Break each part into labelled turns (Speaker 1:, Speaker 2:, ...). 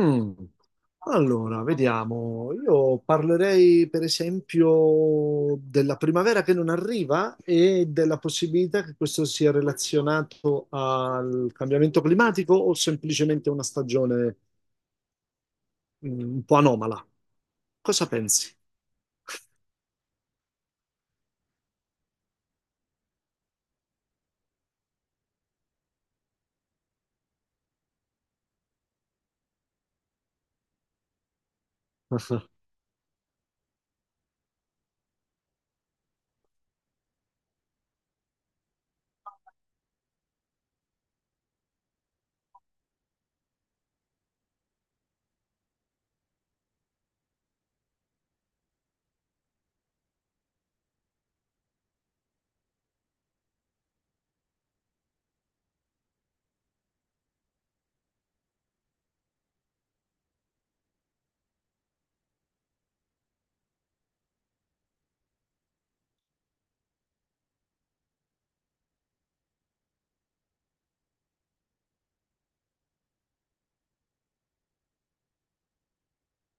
Speaker 1: Mm, Allora, vediamo. Io parlerei per esempio della primavera che non arriva e della possibilità che questo sia relazionato al cambiamento climatico o semplicemente una stagione un po' anomala. Cosa pensi?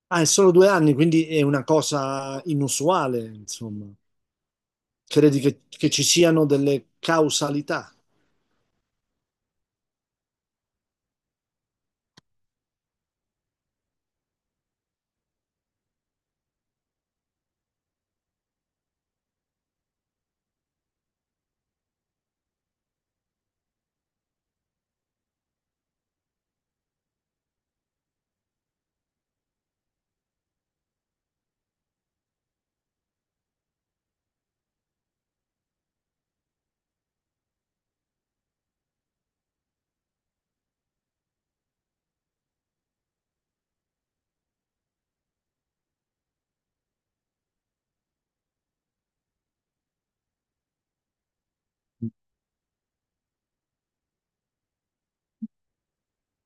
Speaker 1: Ah, è solo due anni, quindi è una cosa inusuale, insomma. Credi che ci siano delle causalità?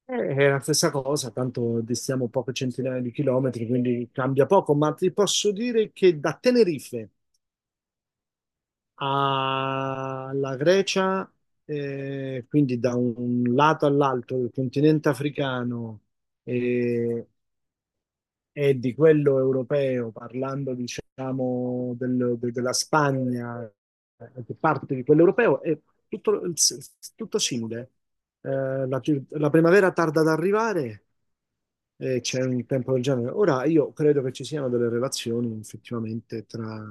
Speaker 1: È la stessa cosa, tanto distiamo poche centinaia di chilometri, quindi cambia poco, ma ti posso dire che da Tenerife alla Grecia, quindi da un lato all'altro del continente africano eh, e di quello europeo, parlando diciamo della Spagna, che parte di quello europeo, è tutto, tutto simile. La, la primavera tarda ad arrivare e c'è un tempo del genere. Ora, io credo che ci siano delle relazioni effettivamente tra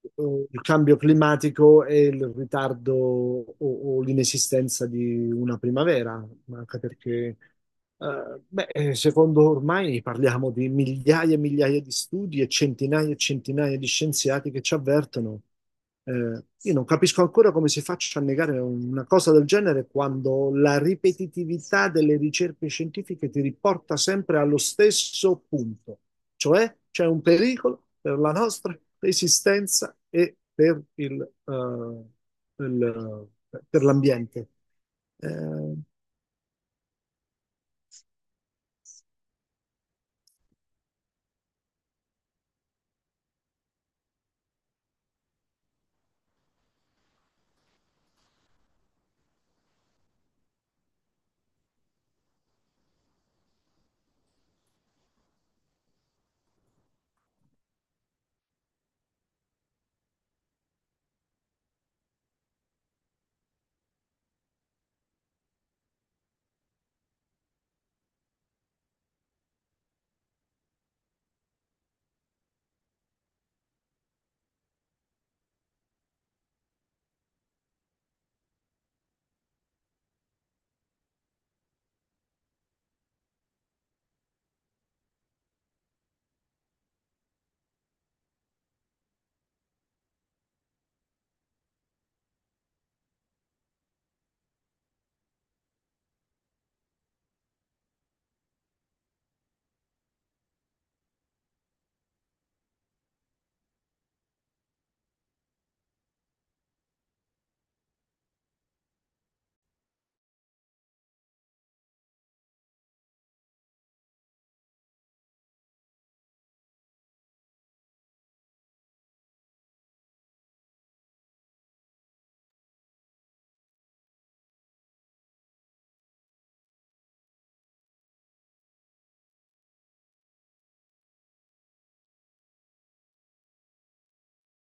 Speaker 1: il cambio climatico e il ritardo o l'inesistenza di una primavera, ma anche perché, beh, secondo ormai parliamo di migliaia e migliaia di studi e centinaia di scienziati che ci avvertono. Eh, io non capisco ancora come si faccia a negare una cosa del genere quando la ripetitività delle ricerche scientifiche ti riporta sempre allo stesso punto, cioè c'è un pericolo per la nostra esistenza e per per l'ambiente. Eh,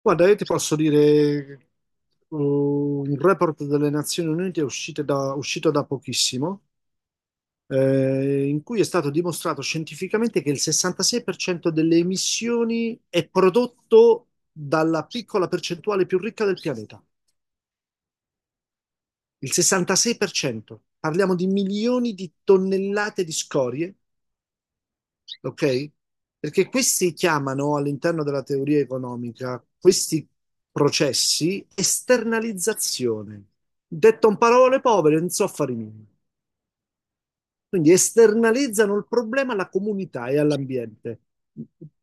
Speaker 1: Guarda, io ti posso dire un report delle Nazioni Unite uscito da pochissimo, in cui è stato dimostrato scientificamente che il 66% delle emissioni è prodotto dalla piccola percentuale più ricca del pianeta. Il 66%, parliamo di milioni di tonnellate di scorie, ok? Perché questi chiamano all'interno della teoria economica questi processi esternalizzazione. Detto in parole povere, non so fare niente. Quindi esternalizzano il problema alla comunità e all'ambiente.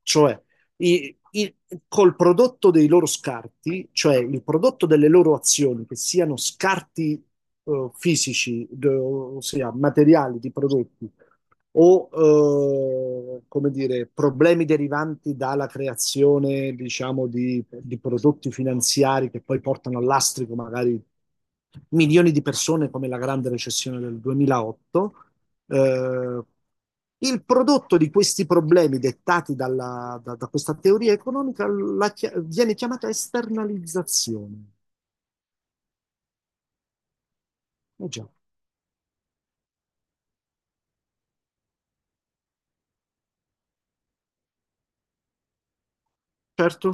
Speaker 1: Cioè, i, i- col prodotto dei loro scarti, cioè il prodotto delle loro azioni, che siano scarti fisici, ossia materiali di prodotti, o come dire, problemi derivanti dalla creazione, diciamo, di prodotti finanziari che poi portano all'astrico magari milioni di persone come la grande recessione del 2008, eh, il prodotto di questi problemi dettati da questa teoria economica viene chiamata esternalizzazione. Eh già, certo,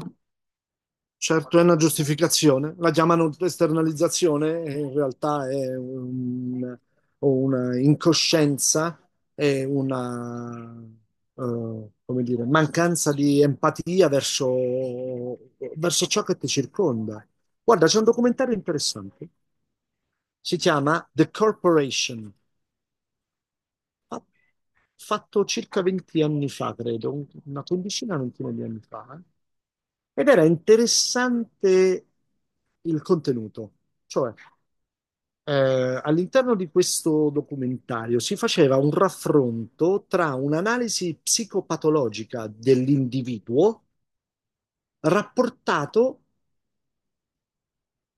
Speaker 1: certo è una giustificazione. La chiamano esternalizzazione, e in realtà è una incoscienza, è una, come dire, mancanza di empatia verso verso ciò che ti circonda. Guarda, c'è un documentario interessante. Si chiama The Corporation. Fa- Fatto circa 20 anni fa, credo, una quindicina, ventina di anni fa. Ed era interessante il contenuto. Cioè, all'interno di questo documentario si faceva un raffronto tra un'analisi psicopatologica dell'individuo rapportato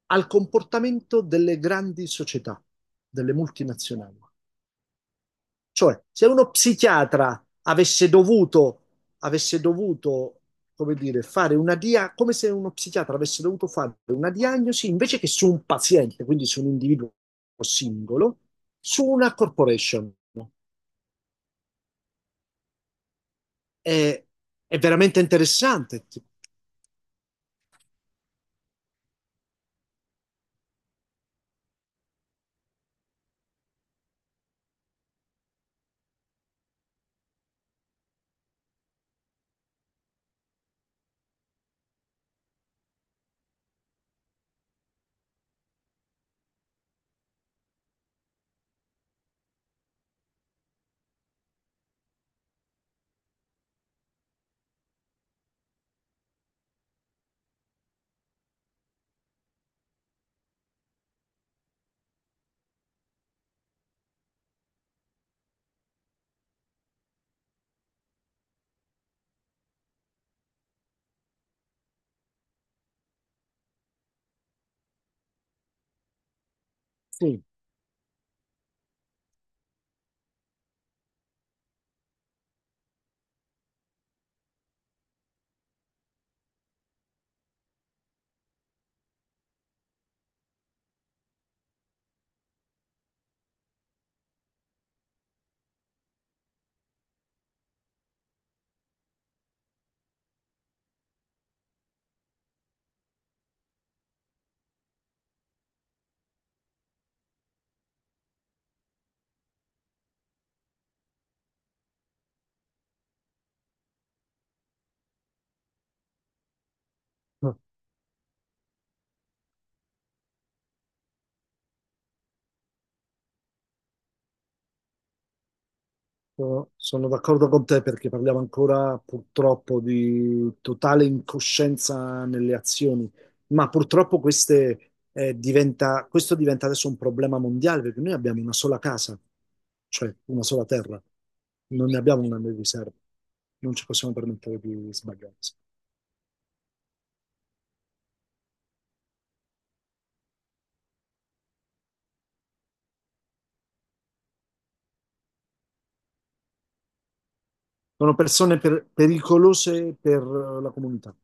Speaker 1: al comportamento delle grandi società, delle multinazionali. Cioè, se uno psichiatra avesse dovuto, come dire, come se uno psichiatra avesse dovuto fare una diagnosi invece che su un paziente, quindi su un individuo singolo, su una corporation. È, è veramente interessante. Sì. Sono d'accordo con te perché parliamo ancora purtroppo di totale incoscienza nelle azioni, ma purtroppo queste, questo diventa adesso un problema mondiale perché noi abbiamo una sola casa, cioè una sola terra, non ne abbiamo una di riserva, non ci possiamo permettere di sbagliarsi. Sono persone pericolose per la comunità.